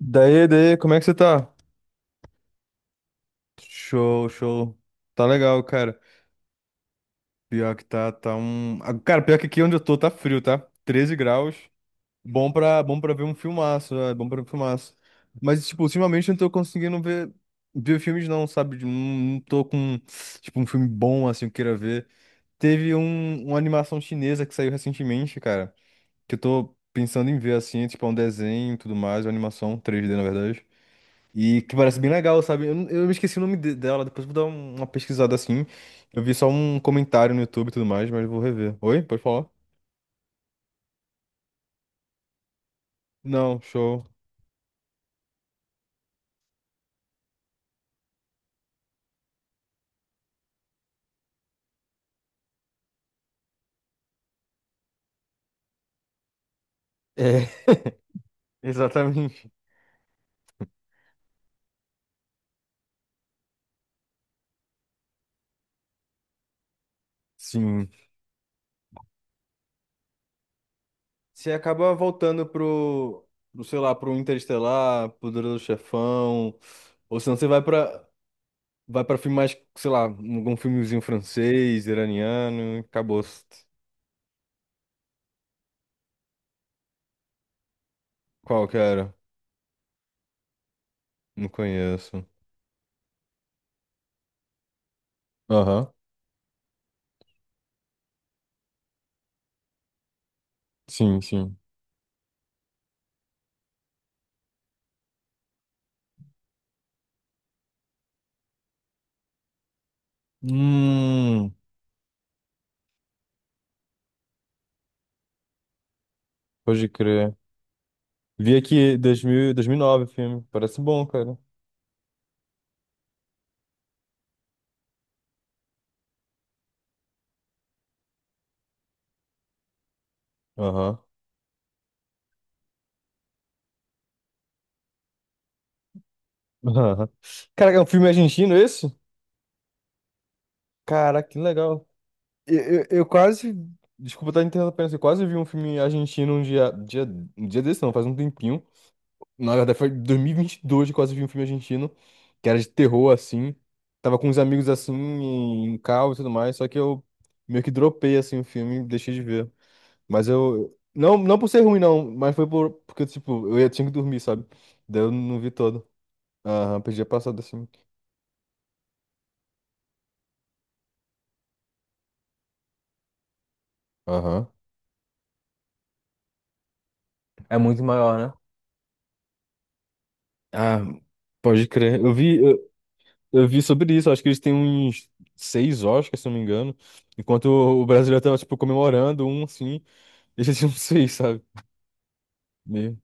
Daí, como é que você tá? Show, show. Tá legal, cara. Pior que tá, tá um. Ah, cara, pior que aqui onde eu tô tá frio, tá? 13 graus. Bom pra ver um filmaço, é bom pra ver um filmaço. Mas, tipo, ultimamente eu não tô conseguindo ver filmes, não, sabe? Não, tô com, tipo, um filme bom, assim, que eu queira ver. Teve uma animação chinesa que saiu recentemente, cara, que eu tô pensando em ver, assim, tipo, é um desenho e tudo mais, uma animação 3D, na verdade. E que parece bem legal, sabe? Eu me esqueci o nome dela, depois vou dar uma pesquisada assim. Eu vi só um comentário no YouTube e tudo mais, mas vou rever. Oi? Pode falar? Não, show. É, exatamente. Sim. Você acaba voltando pro, sei lá, pro Interestelar, pro Poderoso Chefão, ou senão você vai pra filme mais, sei lá, algum filmezinho francês, iraniano, e acabou. Qual que era? Não conheço. Aham. Sim, sim. Hum, pode crer. Vi aqui 2000, nove o filme. Parece bom, cara. Aham. Aham. Cara, é um filme argentino esse? Caraca, que legal. Eu quase. Desculpa estar interrompendo, eu quase vi um filme argentino um dia desse, não, faz um tempinho. Na verdade, foi em 2022 que eu quase vi um filme argentino, que era de terror, assim. Tava com uns amigos, assim, em carro e tudo mais, só que eu meio que dropei, assim, o filme e deixei de ver. Mas eu. Não, não por ser ruim, não, mas foi porque, tipo, eu ia, tinha que dormir, sabe? Daí eu não vi todo. Aham, perdi a passada assim. Aham. É muito maior, né? Ah, pode crer. Eu vi sobre isso. Acho que eles têm uns seis Oscars, se não me engano. Enquanto o brasileiro tava, tipo, comemorando um, assim. Eles já tinham seis, sabe? Meio.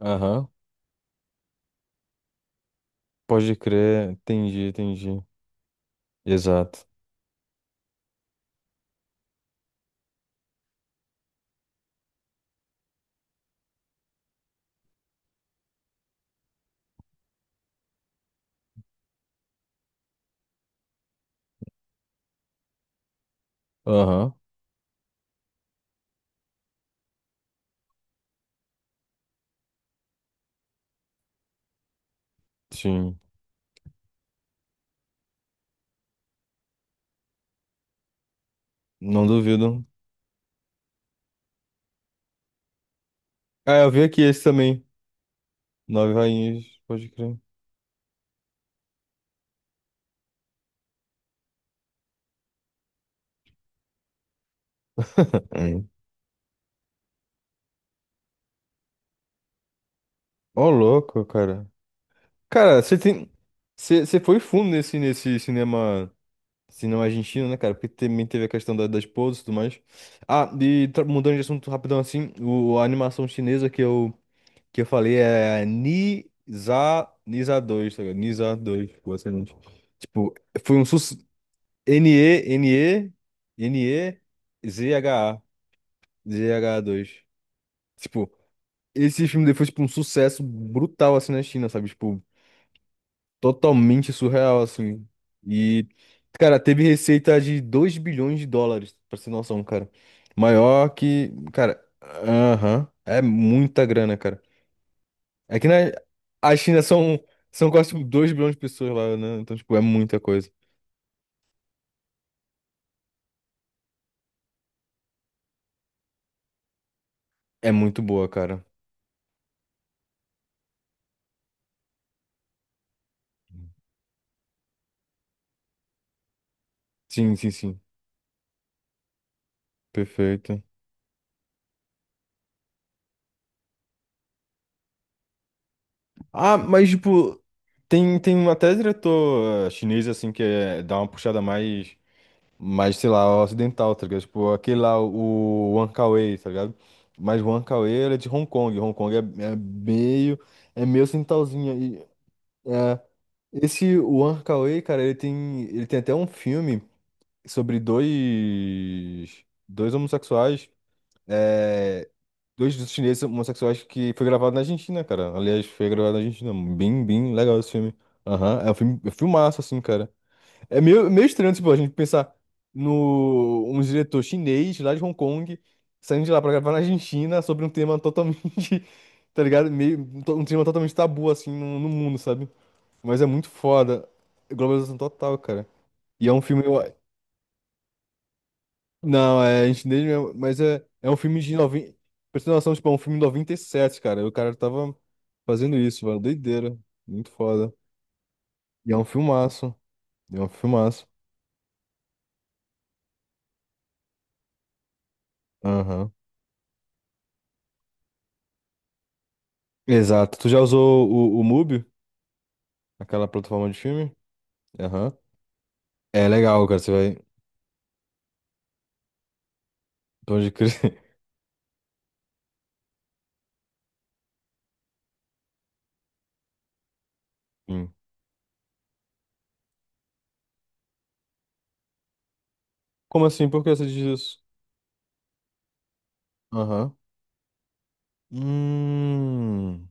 Aham. Pode crer. Entendi, entendi. Exato. Aham. Sim. Não duvido. Ah, eu vi aqui esse também. Nove Rainhas. Pode crer. Hum. Ó, louco, cara. Cara, você tem. Você foi fundo nesse cinema. Cinema argentino, né, cara? Porque também teve a questão da esposa e tudo mais. Ah, e mudando de assunto rapidão assim, a animação chinesa que eu falei é Nisa, Nisa dois, tá ligado? Nisa 2, pô, excelente. Tipo, foi um sucesso. N-E, N-E, N-E, Z-H-A, Z-H-A 2. Tipo, esse filme depois, tipo, um sucesso brutal assim na China, sabe? Tipo, totalmente surreal, assim. E, cara, teve receita de 2 bilhões de dólares, pra você ter noção, cara. Maior que, cara, aham, é muita grana, cara. É que na a China são quase tipo, 2 bilhões de pessoas lá, né? Então, tipo, é muita coisa. É muito boa, cara. Sim, sim, sim. Perfeito. Ah, mas, tipo, tem um até diretor chinês, assim, que é, dá uma puxada mais, sei lá, ocidental, tá ligado? Tipo, aquele lá, o Wan Kar-wai, tá ligado? Mas o Wan Kar-wai, ele é de Hong Kong. Hong Kong é meio, é meio ocidentalzinho. E, esse Wan Kar-wai, cara, ele tem até um filme sobre dois homossexuais, é, dois chineses homossexuais que foi gravado na Argentina, cara. Aliás, foi gravado na Argentina. Bem, bem legal esse filme. Aham, é um filme, é um filmaço, assim, cara. É meio, meio estranho, tipo, a gente pensar no um diretor chinês lá de Hong Kong saindo de lá pra gravar na Argentina sobre um tema totalmente, tá ligado? Meio, um tema totalmente tabu, assim, no mundo, sabe? Mas é muito foda. Globalização total, cara. E é um filme. Não, é em chinês mesmo, mas é um filme de noventa. Pra você ter noção, tipo, é um filme de 97, cara. O cara tava fazendo isso, mano. Doideira. Muito foda. E é um filmaço. E é um filmaço. Aham. Exato. Tu já usou o Mubi? Aquela plataforma de filme? Aham. É legal, cara. Você vai. Pode crer. Sim. Como assim? Por que você diz isso? Aham. Hum.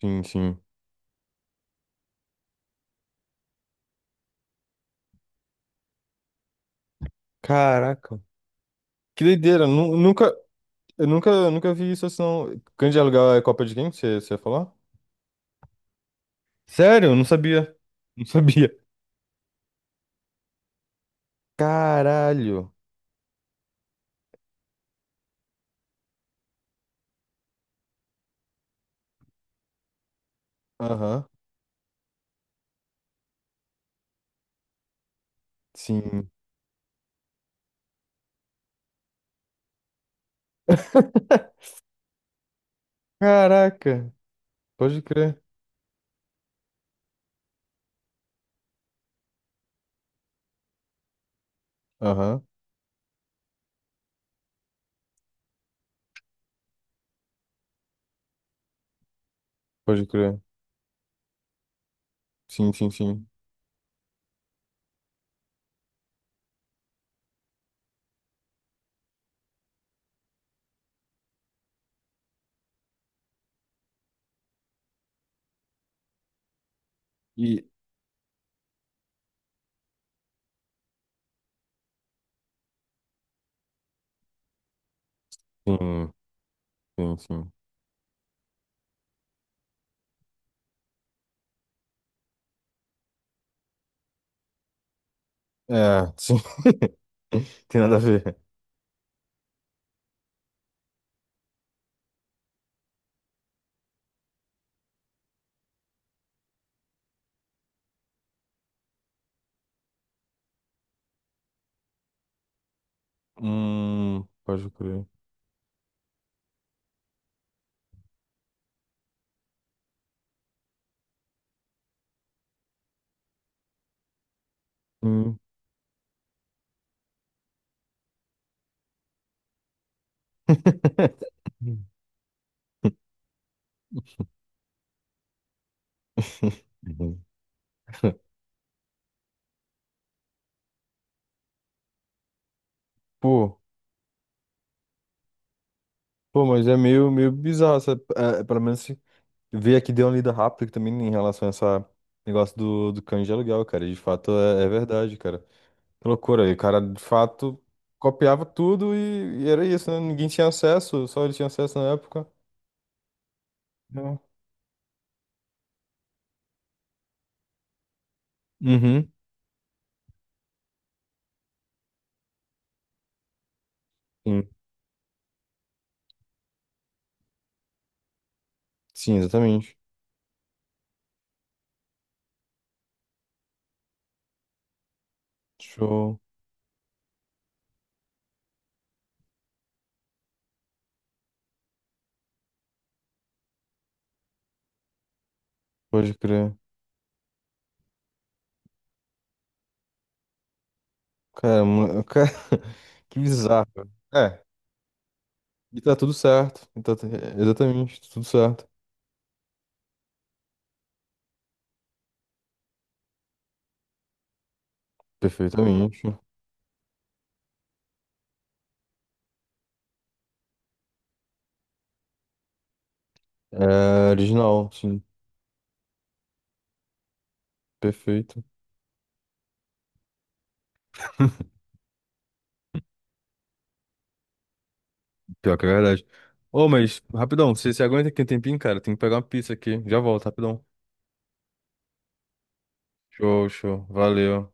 Sim, sim. Caraca. Que doideira. Nu- Nunca, eu nunca, eu nunca vi isso assim, não. Grande aluguel é Copa de quem? Você ia falar? Sério? Eu não sabia. Não sabia. Caralho. Aham. Sim. Caraca. Pode crer. Aham. Pode crer. Sim, sim, sim. E. Sim, sim, sim. É, sim. Tem nada a ver. Pode crer. Hum. Pô, pô, mas é meio, meio bizarro, sabe? É, pelo menos se ver aqui deu uma lida rápida que também em relação a essa negócio do cães de aluguel, cara. E de fato é verdade, cara. Que loucura. E o cara, de fato, copiava tudo e era isso, né? Ninguém tinha acesso, só ele tinha acesso na época. É. Uhum. Sim, sim, exatamente. Show. Pode crer. Cara, mano, cara, que bizarro. É, e tá tudo certo. E tá exatamente, tá tudo certo. Perfeitamente. É original, sim. Perfeito. Pior que é verdade. Ô, mas, rapidão, você aguenta aqui um tempinho, cara? Tem que pegar uma pizza aqui. Já volto, rapidão. Show, show. Valeu.